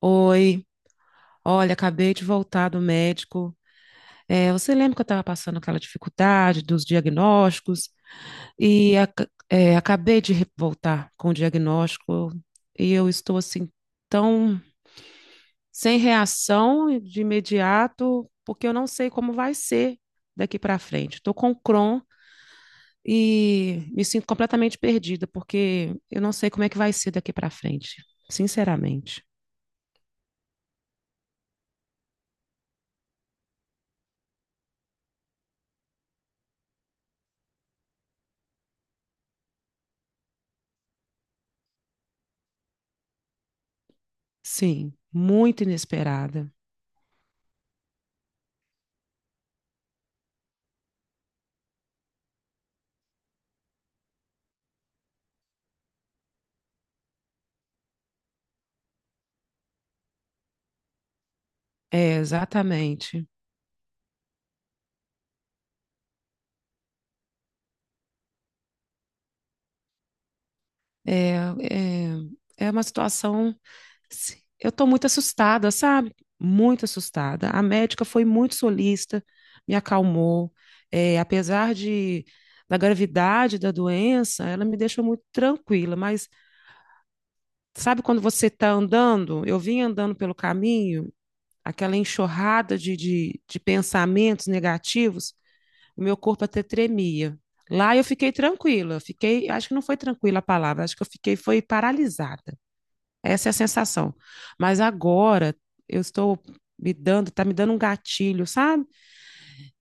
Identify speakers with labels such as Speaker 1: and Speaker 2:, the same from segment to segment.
Speaker 1: Oi, olha, acabei de voltar do médico. Você lembra que eu estava passando aquela dificuldade dos diagnósticos? Acabei de voltar com o diagnóstico e eu estou assim tão sem reação de imediato, porque eu não sei como vai ser daqui para frente. Estou com Crohn e me sinto completamente perdida, porque eu não sei como é que vai ser daqui para frente, sinceramente. Sim, muito inesperada. É, exatamente. É, é, é uma situação. Eu estou muito assustada, sabe? Muito assustada. A médica foi muito solícita, me acalmou. É, apesar da gravidade da doença, ela me deixou muito tranquila. Mas sabe quando você está andando? Eu vim andando pelo caminho, aquela enxurrada de pensamentos negativos, o meu corpo até tremia. Lá eu fiquei tranquila, fiquei, acho que não foi tranquila a palavra, acho que eu fiquei foi paralisada. Essa é a sensação. Mas agora eu estou tá me dando um gatilho, sabe?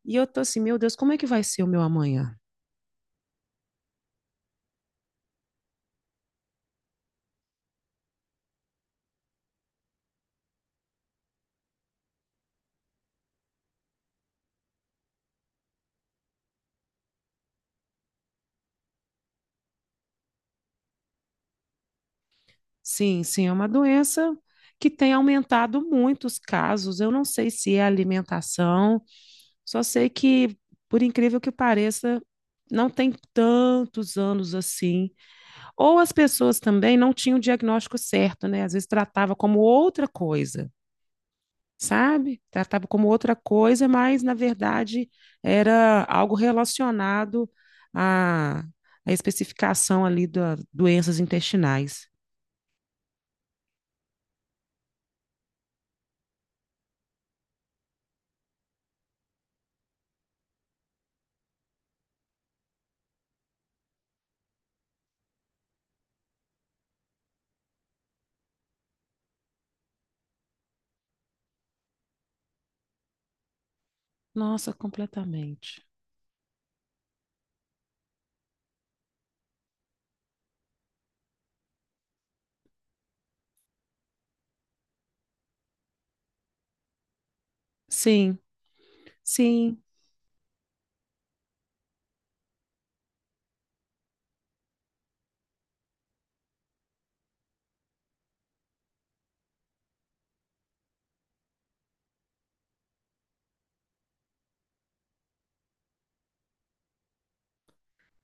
Speaker 1: E eu tô assim, meu Deus, como é que vai ser o meu amanhã? Sim, sim, é uma doença que tem aumentado muito os casos. Eu não sei se é alimentação. Só sei que, por incrível que pareça, não tem tantos anos assim. Ou as pessoas também não tinham o diagnóstico certo, né? Às vezes tratava como outra coisa, sabe? Tratava como outra coisa, mas na verdade era algo relacionado à, à especificação ali das doenças intestinais. Nossa, completamente. Sim, sim.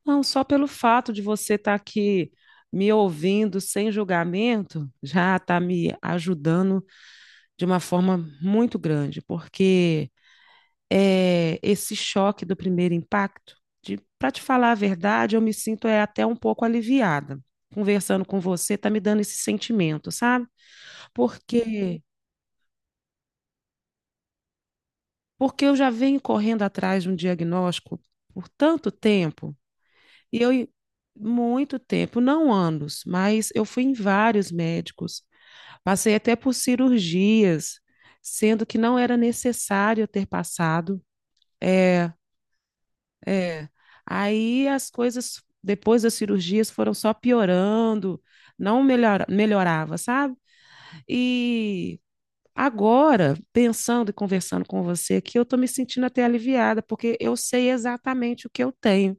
Speaker 1: Não, só pelo fato de você estar aqui me ouvindo sem julgamento, já está me ajudando de uma forma muito grande, porque esse choque do primeiro impacto, de, para te falar a verdade, eu me sinto até um pouco aliviada. Conversando com você, está me dando esse sentimento, sabe? Porque, porque eu já venho correndo atrás de um diagnóstico por tanto tempo. E eu, i- muito tempo, não anos, mas eu fui em vários médicos, passei até por cirurgias, sendo que não era necessário eu ter passado. É, é. Aí as coisas, depois das cirurgias, foram só piorando, não melhora, melhorava, sabe? E. Agora, pensando e conversando com você aqui, eu estou me sentindo até aliviada, porque eu sei exatamente o que eu tenho.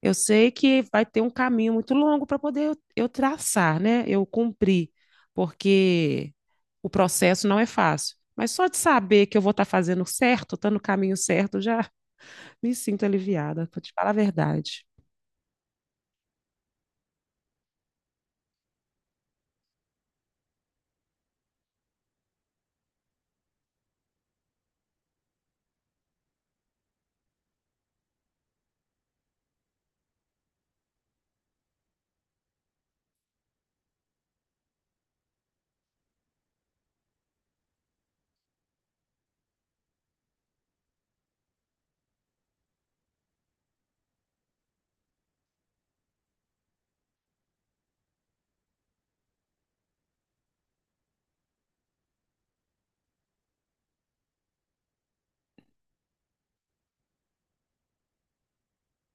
Speaker 1: Eu sei que vai ter um caminho muito longo para poder eu traçar, né? Eu cumprir, porque o processo não é fácil. Mas só de saber que eu vou estar fazendo certo, estar no caminho certo, já me sinto aliviada, para te falar a verdade.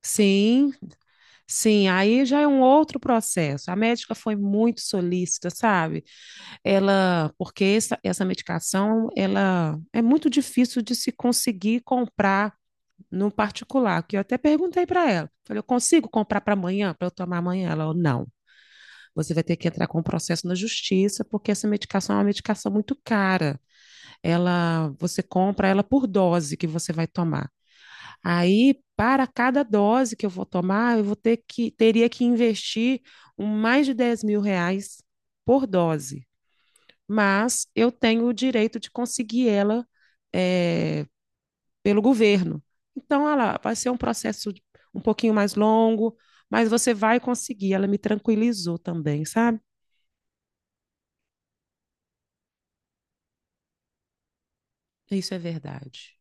Speaker 1: Sim, sim, aí já é um outro processo. A médica foi muito solícita, sabe? Essa medicação, ela é muito difícil de se conseguir comprar no particular, que eu até perguntei para ela. Falei, eu consigo comprar para amanhã, para eu tomar amanhã? Ela falou, não, você vai ter que entrar com um processo na justiça, porque essa medicação é uma medicação muito cara. Ela, você compra ela por dose que você vai tomar. Aí, para cada dose que eu vou tomar, eu vou ter que, teria que investir mais de R$ 10.000 por dose. Mas eu tenho o direito de conseguir ela, é, pelo governo. Então, ela vai ser um processo um pouquinho mais longo, mas você vai conseguir. Ela me tranquilizou também, sabe? Isso é verdade.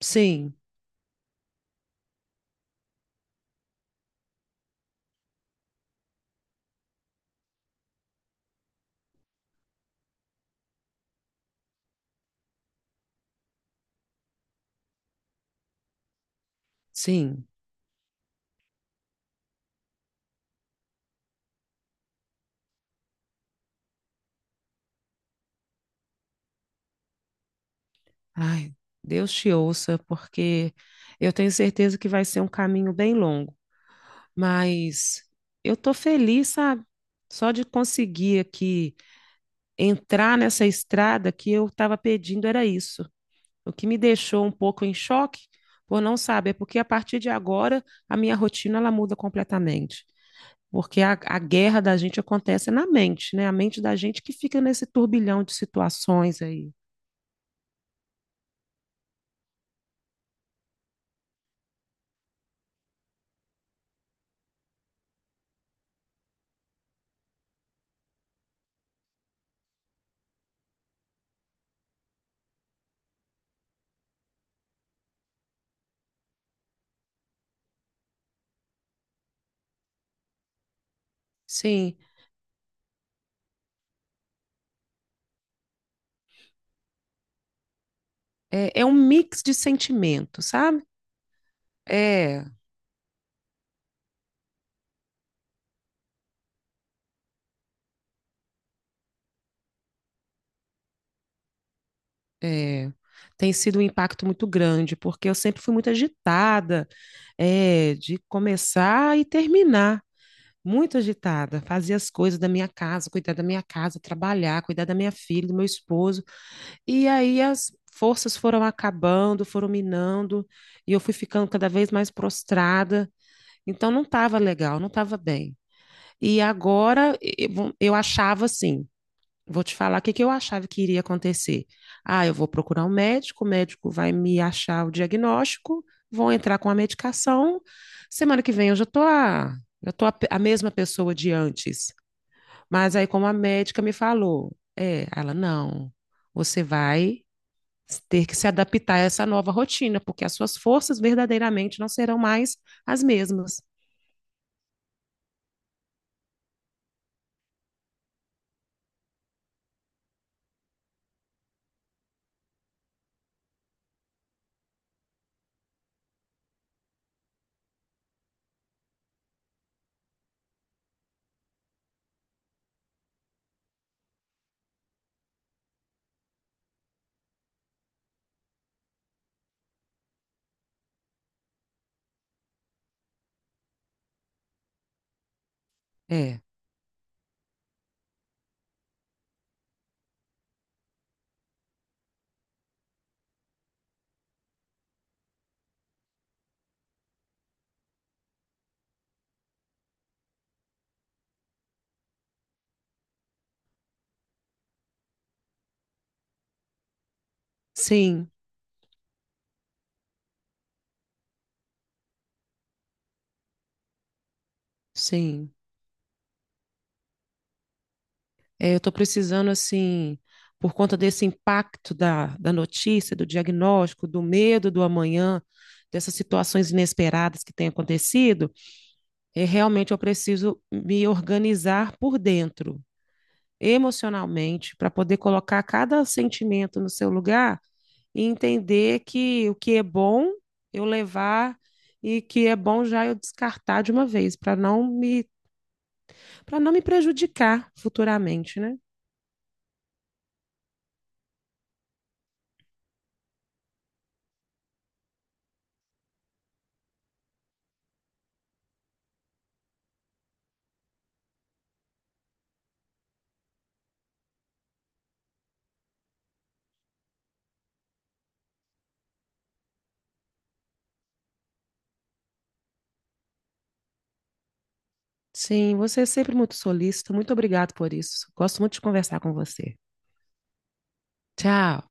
Speaker 1: Sim, sim. Ai, Deus te ouça, porque eu tenho certeza que vai ser um caminho bem longo. Mas eu tô feliz, sabe? Só de conseguir aqui entrar nessa estrada, que eu estava pedindo era isso. O que me deixou um pouco em choque por não saber, é porque a partir de agora a minha rotina ela muda completamente. Porque a guerra da gente acontece na mente, né? A mente da gente que fica nesse turbilhão de situações aí. Sim, é, é um mix de sentimentos, sabe? É, é, tem sido um impacto muito grande, porque eu sempre fui muito agitada, é, de começar e terminar. Muito agitada, fazia as coisas da minha casa, cuidar da minha casa, trabalhar, cuidar da minha filha, do meu esposo. E aí as forças foram acabando, foram minando, e eu fui ficando cada vez mais prostrada. Então não estava legal, não estava bem. E agora eu achava assim, vou te falar o que que eu achava que iria acontecer. Ah, eu vou procurar um médico, o médico vai me achar o diagnóstico, vou entrar com a medicação. Semana que vem eu já tô a, pe- a mesma pessoa de antes. Mas aí, como a médica me falou, é, ela, não, você vai ter que se adaptar a essa nova rotina, porque as suas forças verdadeiramente não serão mais as mesmas. É, sim, sim. É, eu estou precisando, assim, por conta desse impacto da notícia, do diagnóstico, do medo do amanhã, dessas situações inesperadas que têm acontecido, é, realmente eu preciso me organizar por dentro, emocionalmente, para poder colocar cada sentimento no seu lugar e entender que o que é bom eu levar e que é bom já eu descartar de uma vez, para não me prejudicar futuramente, né? Sim, você é sempre muito solícita. Muito obrigado por isso. Gosto muito de conversar com você. Tchau.